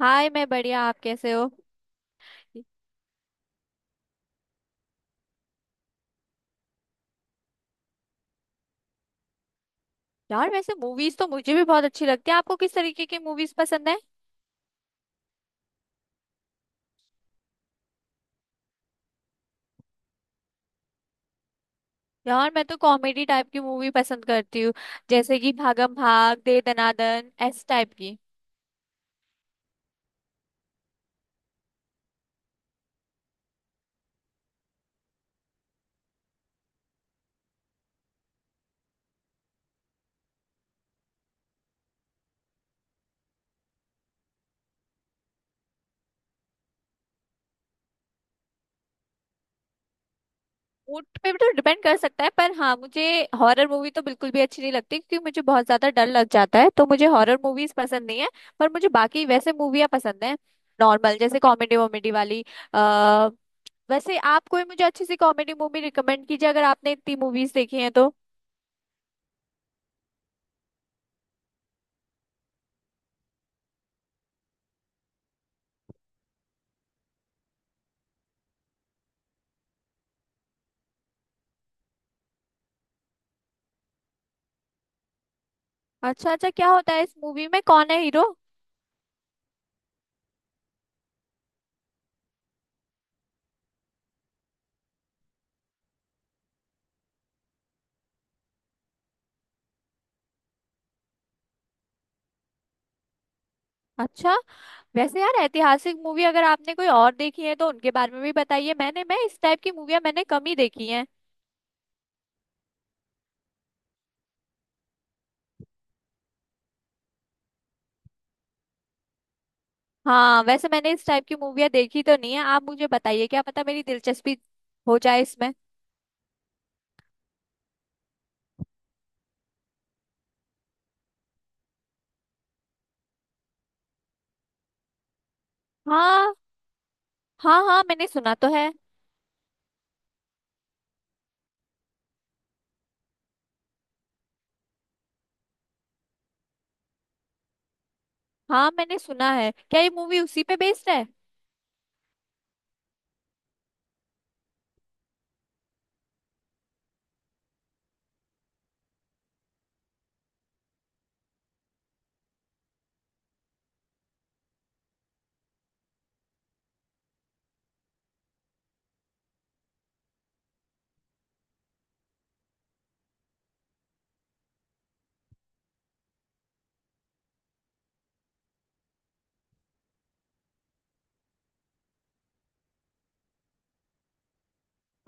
हाय। मैं बढ़िया, आप कैसे हो। यार वैसे मूवीज तो मुझे भी बहुत अच्छी लगती है। आपको किस तरीके की मूवीज पसंद है। यार मैं तो कॉमेडी टाइप की मूवी पसंद करती हूँ, जैसे कि भागम भाग, दे दनादन, ऐसे टाइप की। मूड पे भी तो डिपेंड कर सकता है, पर हाँ मुझे हॉरर मूवी तो बिल्कुल भी अच्छी नहीं लगती, क्योंकि मुझे बहुत ज्यादा डर लग जाता है, तो मुझे हॉरर मूवीज पसंद नहीं है। पर मुझे बाकी वैसे मूवियाँ पसंद है, नॉर्मल जैसे कॉमेडी वॉमेडी वाली। आ, वैसे आप कोई मुझे अच्छी सी कॉमेडी मूवी रिकमेंड कीजिए, अगर आपने इतनी मूवीज देखी हैं तो। अच्छा अच्छा, क्या होता है इस मूवी में, कौन है हीरो। अच्छा, वैसे यार ऐतिहासिक मूवी अगर आपने कोई और देखी है तो उनके बारे में भी बताइए। मैं इस टाइप की मूवियाँ मैंने कम ही देखी हैं। हाँ वैसे मैंने इस टाइप की मूवियाँ देखी तो नहीं है, आप मुझे बताइए क्या पता मेरी दिलचस्पी हो जाए इसमें। हाँ हाँ हाँ मैंने सुना तो है। हाँ मैंने सुना है, क्या ये मूवी उसी पे बेस्ड है।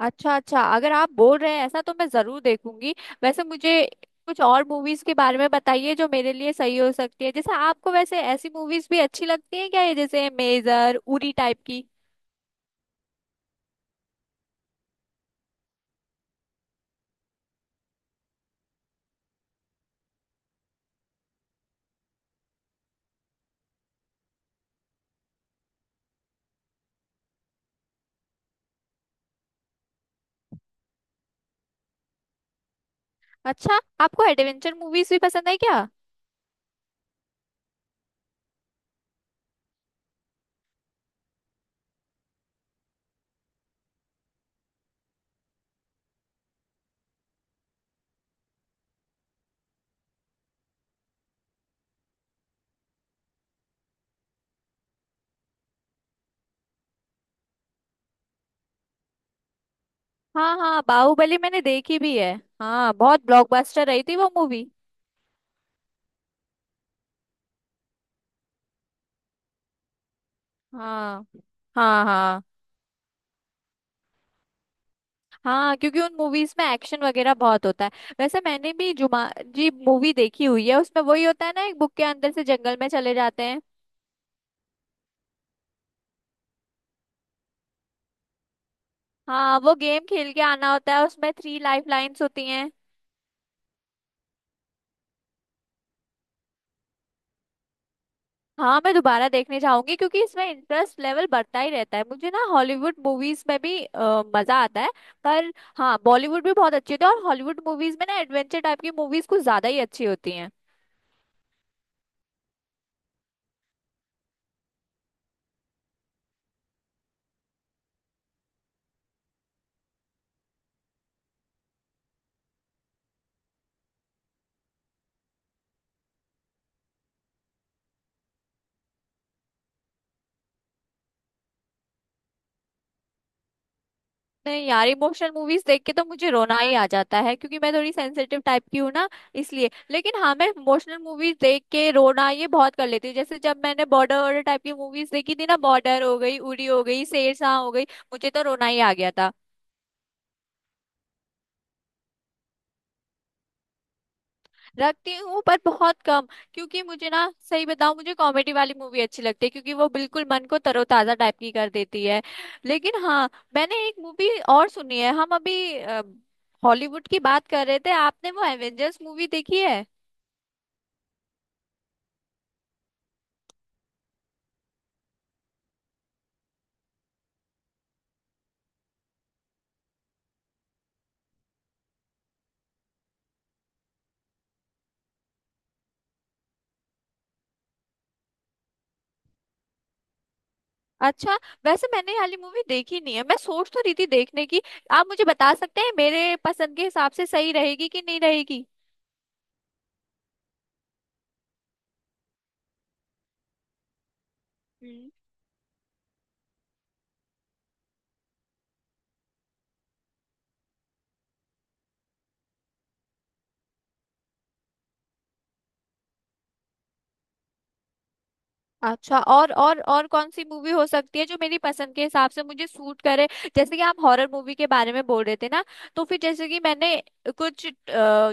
अच्छा अच्छा, अगर आप बोल रहे हैं ऐसा तो मैं जरूर देखूंगी। वैसे मुझे कुछ और मूवीज के बारे में बताइए जो मेरे लिए सही हो सकती है। जैसे आपको, वैसे ऐसी मूवीज भी अच्छी लगती है क्या, ये जैसे मेजर, उरी टाइप की। अच्छा, आपको एडवेंचर मूवीज भी पसंद है क्या। हाँ हाँ, बाहुबली मैंने देखी भी है। हाँ, बहुत ब्लॉकबस्टर रही थी वो मूवी। हाँ हाँ हाँ हाँ, क्योंकि उन मूवीज में एक्शन वगैरह बहुत होता है। वैसे मैंने भी जुमा जी मूवी देखी हुई है, उसमें वही होता है ना, एक बुक के अंदर से जंगल में चले जाते हैं। हाँ, वो गेम खेल के आना होता है, उसमें थ्री लाइफ लाइंस होती हैं। हाँ मैं दोबारा देखने जाऊंगी, क्योंकि इसमें इंटरेस्ट लेवल बढ़ता ही रहता है। मुझे ना हॉलीवुड मूवीज में भी मजा आता है। पर हाँ, बॉलीवुड भी बहुत अच्छी होती है, और हॉलीवुड मूवीज में ना एडवेंचर टाइप की मूवीज कुछ ज्यादा ही अच्छी होती हैं। नहीं यार, इमोशनल मूवीज देख के तो मुझे रोना ही आ जाता है, क्योंकि मैं थोड़ी सेंसिटिव टाइप की हूँ ना, इसलिए। लेकिन हाँ, मैं इमोशनल मूवीज देख के रोना ये बहुत कर लेती हूँ। जैसे जब मैंने बॉर्डर वॉर्डर टाइप की मूवीज देखी थी ना, बॉर्डर हो गई, उरी हो गई, शेरशाह हो गई, मुझे तो रोना ही आ गया था। रखती हूँ पर बहुत कम, क्योंकि मुझे ना, सही बताऊँ, मुझे कॉमेडी वाली मूवी अच्छी लगती है, क्योंकि वो बिल्कुल मन को तरोताजा टाइप की कर देती है। लेकिन हाँ, मैंने एक मूवी और सुनी है। हम अभी हॉलीवुड की बात कर रहे थे, आपने वो एवेंजर्स मूवी देखी है। अच्छा, वैसे मैंने ये वाली मूवी देखी नहीं है, मैं सोच तो रही थी देखने की। आप मुझे बता सकते हैं, मेरे पसंद के हिसाब से सही रहेगी कि नहीं रहेगी। अच्छा, और कौन सी मूवी हो सकती है जो मेरी पसंद के हिसाब से मुझे सूट करे। जैसे कि आप हॉरर मूवी के बारे में बोल रहे थे ना, तो फिर जैसे कि मैंने कुछ,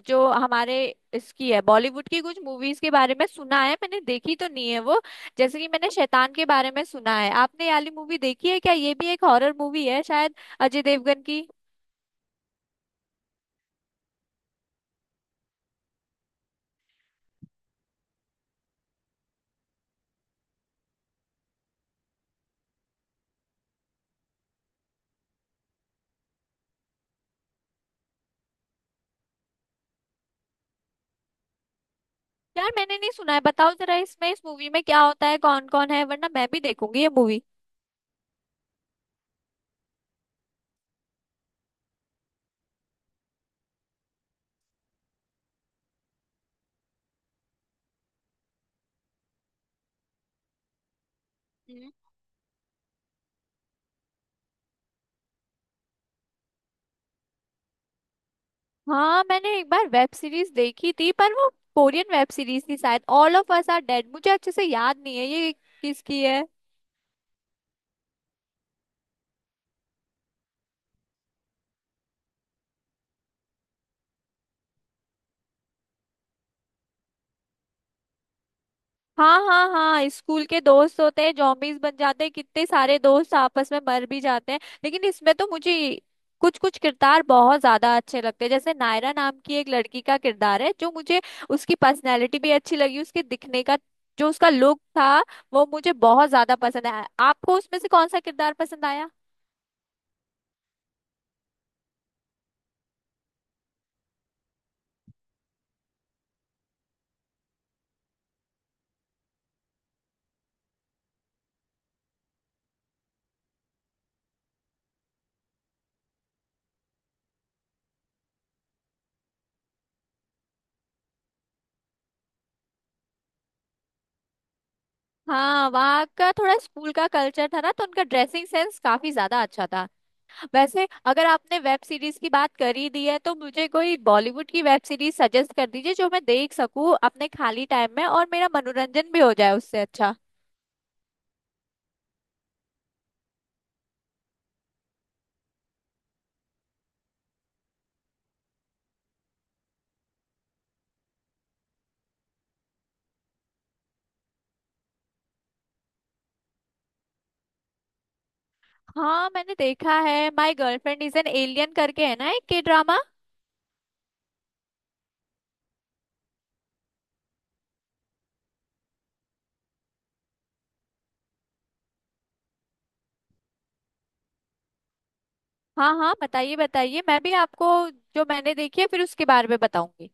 जो हमारे इसकी है, बॉलीवुड की कुछ मूवीज के बारे में सुना है, मैंने देखी तो नहीं है वो। जैसे कि मैंने शैतान के बारे में सुना है, आपने ये वाली मूवी देखी है क्या, ये भी एक हॉरर मूवी है शायद, अजय देवगन की। यार मैंने नहीं सुना है, बताओ जरा इसमें, इस मूवी में क्या होता है, कौन कौन है, वरना मैं भी देखूंगी ये मूवी। हाँ मैंने एक बार वेब सीरीज देखी थी, पर वो कोरियन वेब सीरीज थी शायद, all of us are dead, मुझे अच्छे से याद नहीं है ये। किसकी है। हाँ हाँ हाँ, स्कूल के दोस्त होते हैं, जॉम्बीज बन जाते हैं, कितने सारे दोस्त आपस में मर भी जाते हैं। लेकिन इसमें तो मुझे कुछ कुछ किरदार बहुत ज्यादा अच्छे लगते हैं, जैसे नायरा नाम की एक लड़की का किरदार है, जो मुझे, उसकी पर्सनैलिटी भी अच्छी लगी, उसके दिखने का, जो उसका लुक था, वो मुझे बहुत ज्यादा पसंद आया। आपको उसमें से कौन सा किरदार पसंद आया। हाँ वहाँ का थोड़ा स्कूल का कल्चर था ना, तो उनका ड्रेसिंग सेंस काफी ज्यादा अच्छा था। वैसे अगर आपने वेब सीरीज की बात कर ही दी है, तो मुझे कोई बॉलीवुड की वेब सीरीज सजेस्ट कर दीजिए, जो मैं देख सकूँ अपने खाली टाइम में, और मेरा मनोरंजन भी हो जाए उससे अच्छा। हाँ मैंने देखा है, my girlfriend is an alien करके है ना, एक के ड्रामा। हाँ हाँ, बताइए बताइए, मैं भी आपको जो मैंने देखी है फिर उसके बारे में बताऊंगी।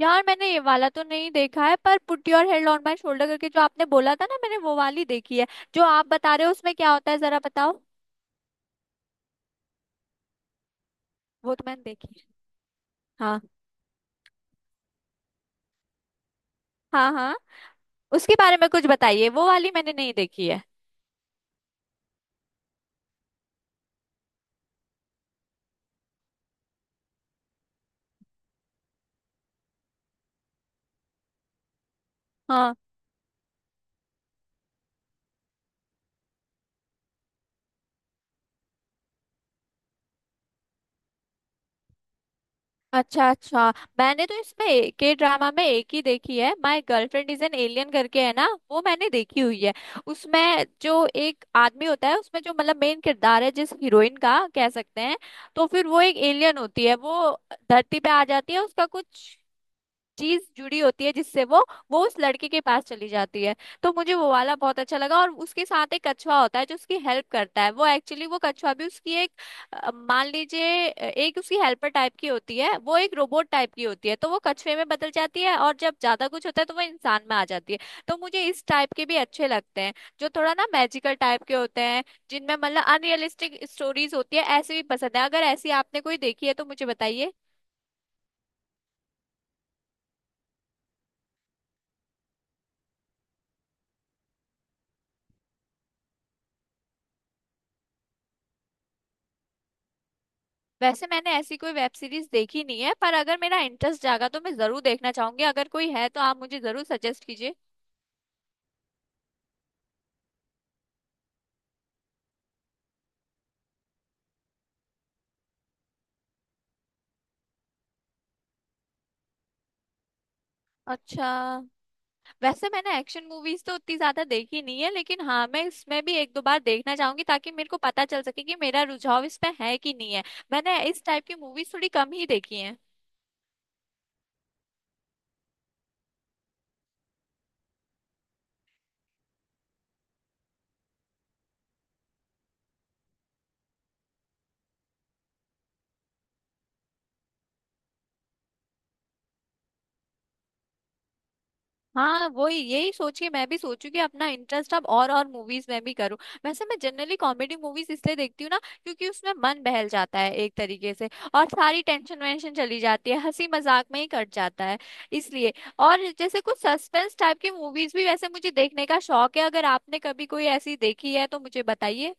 यार मैंने ये वाला तो नहीं देखा है, पर put your head on my shoulder करके जो आपने बोला था ना, मैंने वो वाली देखी है। जो आप बता रहे हो उसमें क्या होता है, जरा बताओ। वो तो मैंने देखी है। हाँ हाँ हाँ। उसके बारे में कुछ बताइए, वो वाली मैंने नहीं देखी है। हाँ। अच्छा अच्छा, मैंने तो इसमें के ड्रामा में एक ही देखी है, my girlfriend is an alien करके है ना, वो मैंने देखी हुई है। उसमें जो एक आदमी होता है, उसमें जो मतलब मेन किरदार है, जिस हीरोइन का कह सकते हैं, तो फिर वो एक एलियन होती है। वो धरती पे आ जाती है, उसका कुछ चीज जुड़ी होती है, जिससे वो उस लड़के के पास चली जाती है। तो मुझे वो वाला बहुत अच्छा लगा। और उसके साथ एक कछुआ होता है जो उसकी हेल्प करता है। वो एक्चुअली वो कछुआ भी उसकी एक, मान लीजिए, एक उसकी हेल्पर टाइप की होती है, वो एक रोबोट टाइप की होती है, तो वो कछुए में बदल जाती है, और जब ज्यादा कुछ होता है तो वो इंसान में आ जाती है। तो मुझे इस टाइप के भी अच्छे लगते हैं, जो थोड़ा ना मैजिकल टाइप के होते हैं, जिनमें मतलब अनरियलिस्टिक स्टोरीज होती है, ऐसे भी पसंद है। अगर ऐसी आपने कोई देखी है तो मुझे बताइए। वैसे मैंने ऐसी कोई वेब सीरीज देखी नहीं है, पर अगर मेरा इंटरेस्ट जागा तो मैं जरूर देखना चाहूंगी। अगर कोई है तो आप मुझे जरूर सजेस्ट कीजिए। अच्छा, वैसे मैंने एक्शन मूवीज तो उतनी ज्यादा देखी नहीं है, लेकिन हाँ मैं इसमें भी एक दो बार देखना चाहूंगी, ताकि मेरे को पता चल सके कि मेरा रुझाव इस पे है कि नहीं है। मैंने इस टाइप की मूवीज थोड़ी कम ही देखी है। हाँ वही, यही सोचिए, मैं भी सोचू कि अपना इंटरेस्ट अब और मूवीज में भी करूँ। वैसे मैं जनरली कॉमेडी मूवीज इसलिए देखती हूँ ना, क्योंकि उसमें मन बहल जाता है एक तरीके से, और सारी टेंशन वेंशन चली जाती है, हंसी मजाक में ही कट जाता है इसलिए। और जैसे कुछ सस्पेंस टाइप की मूवीज भी वैसे मुझे देखने का शौक है, अगर आपने कभी कोई ऐसी देखी है तो मुझे बताइए।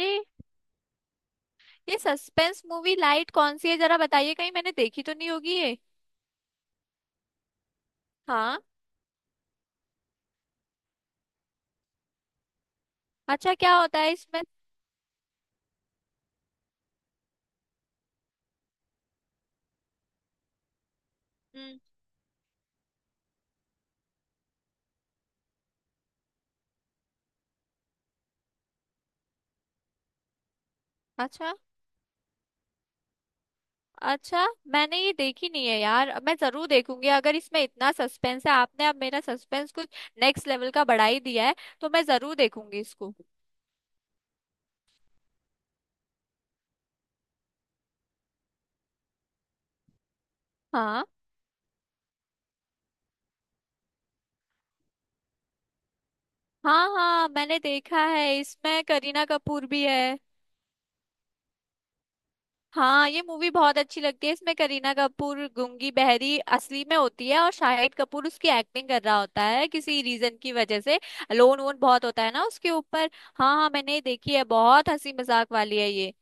ये ये सस्पेंस मूवी लाइट कौन सी है, जरा बताइए, कहीं मैंने देखी तो नहीं होगी ये। हाँ। अच्छा, क्या होता है इसमें। हम्म। अच्छा अच्छा, मैंने ये देखी नहीं है यार, मैं जरूर देखूंगी। अगर इसमें इतना सस्पेंस है, आपने अब मेरा सस्पेंस कुछ नेक्स्ट लेवल का बढ़ा ही दिया है, तो मैं जरूर देखूंगी इसको। हाँ हाँ हाँ, मैंने देखा है, इसमें करीना कपूर भी है। हाँ ये मूवी बहुत अच्छी लगती है, इसमें करीना कपूर गूंगी बहरी असली में होती है, और शाहिद कपूर उसकी एक्टिंग कर रहा होता है किसी रीजन की वजह से। लोन वोन बहुत होता है ना उसके ऊपर। हाँ हाँ मैंने ये देखी है, बहुत हंसी मजाक वाली है ये।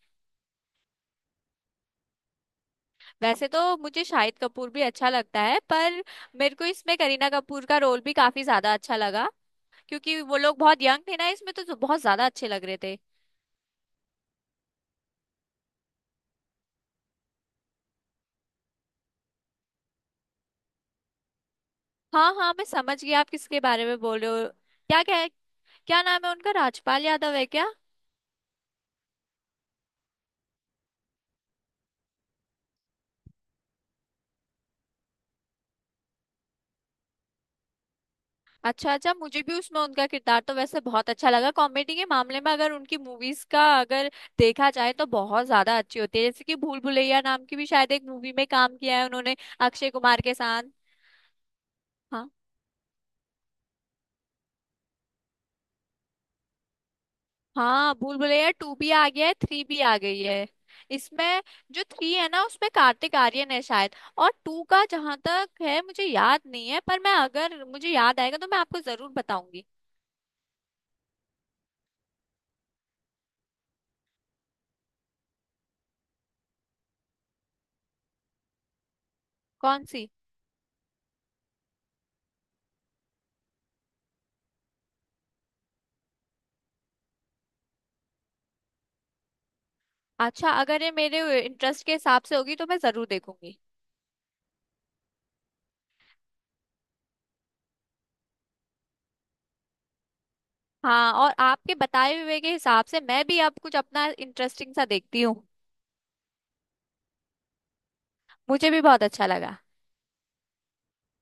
वैसे तो मुझे शाहिद कपूर भी अच्छा लगता है, पर मेरे को इसमें करीना कपूर का रोल भी काफी ज्यादा अच्छा लगा, क्योंकि वो लोग बहुत यंग थे ना इसमें, तो बहुत ज्यादा अच्छे लग रहे थे। हाँ हाँ, मैं समझ गई आप किसके बारे में बोल रहे हो। क्या क्या क्या नाम है उनका, राजपाल यादव है क्या। अच्छा अच्छा, मुझे भी उसमें उनका किरदार तो वैसे बहुत अच्छा लगा। कॉमेडी के मामले में अगर उनकी मूवीज का अगर देखा जाए तो बहुत ज्यादा अच्छी होती है, जैसे कि भूल भुलैया नाम की भी शायद एक मूवी में काम किया है उन्होंने अक्षय कुमार के साथ। हाँ हाँ, भूल भुलैया टू भी आ गया है, थ्री भी आ गई है। इसमें जो थ्री है ना उसमें कार्तिक आर्यन है शायद, और टू का जहां तक है मुझे याद नहीं है, पर मैं, अगर मुझे याद आएगा तो मैं आपको जरूर बताऊंगी। कौन सी। अच्छा, अगर ये मेरे इंटरेस्ट के हिसाब से होगी तो मैं जरूर देखूंगी। हाँ, और आपके बताए हुए के हिसाब से मैं भी अब कुछ अपना इंटरेस्टिंग सा देखती हूँ। मुझे भी बहुत अच्छा लगा।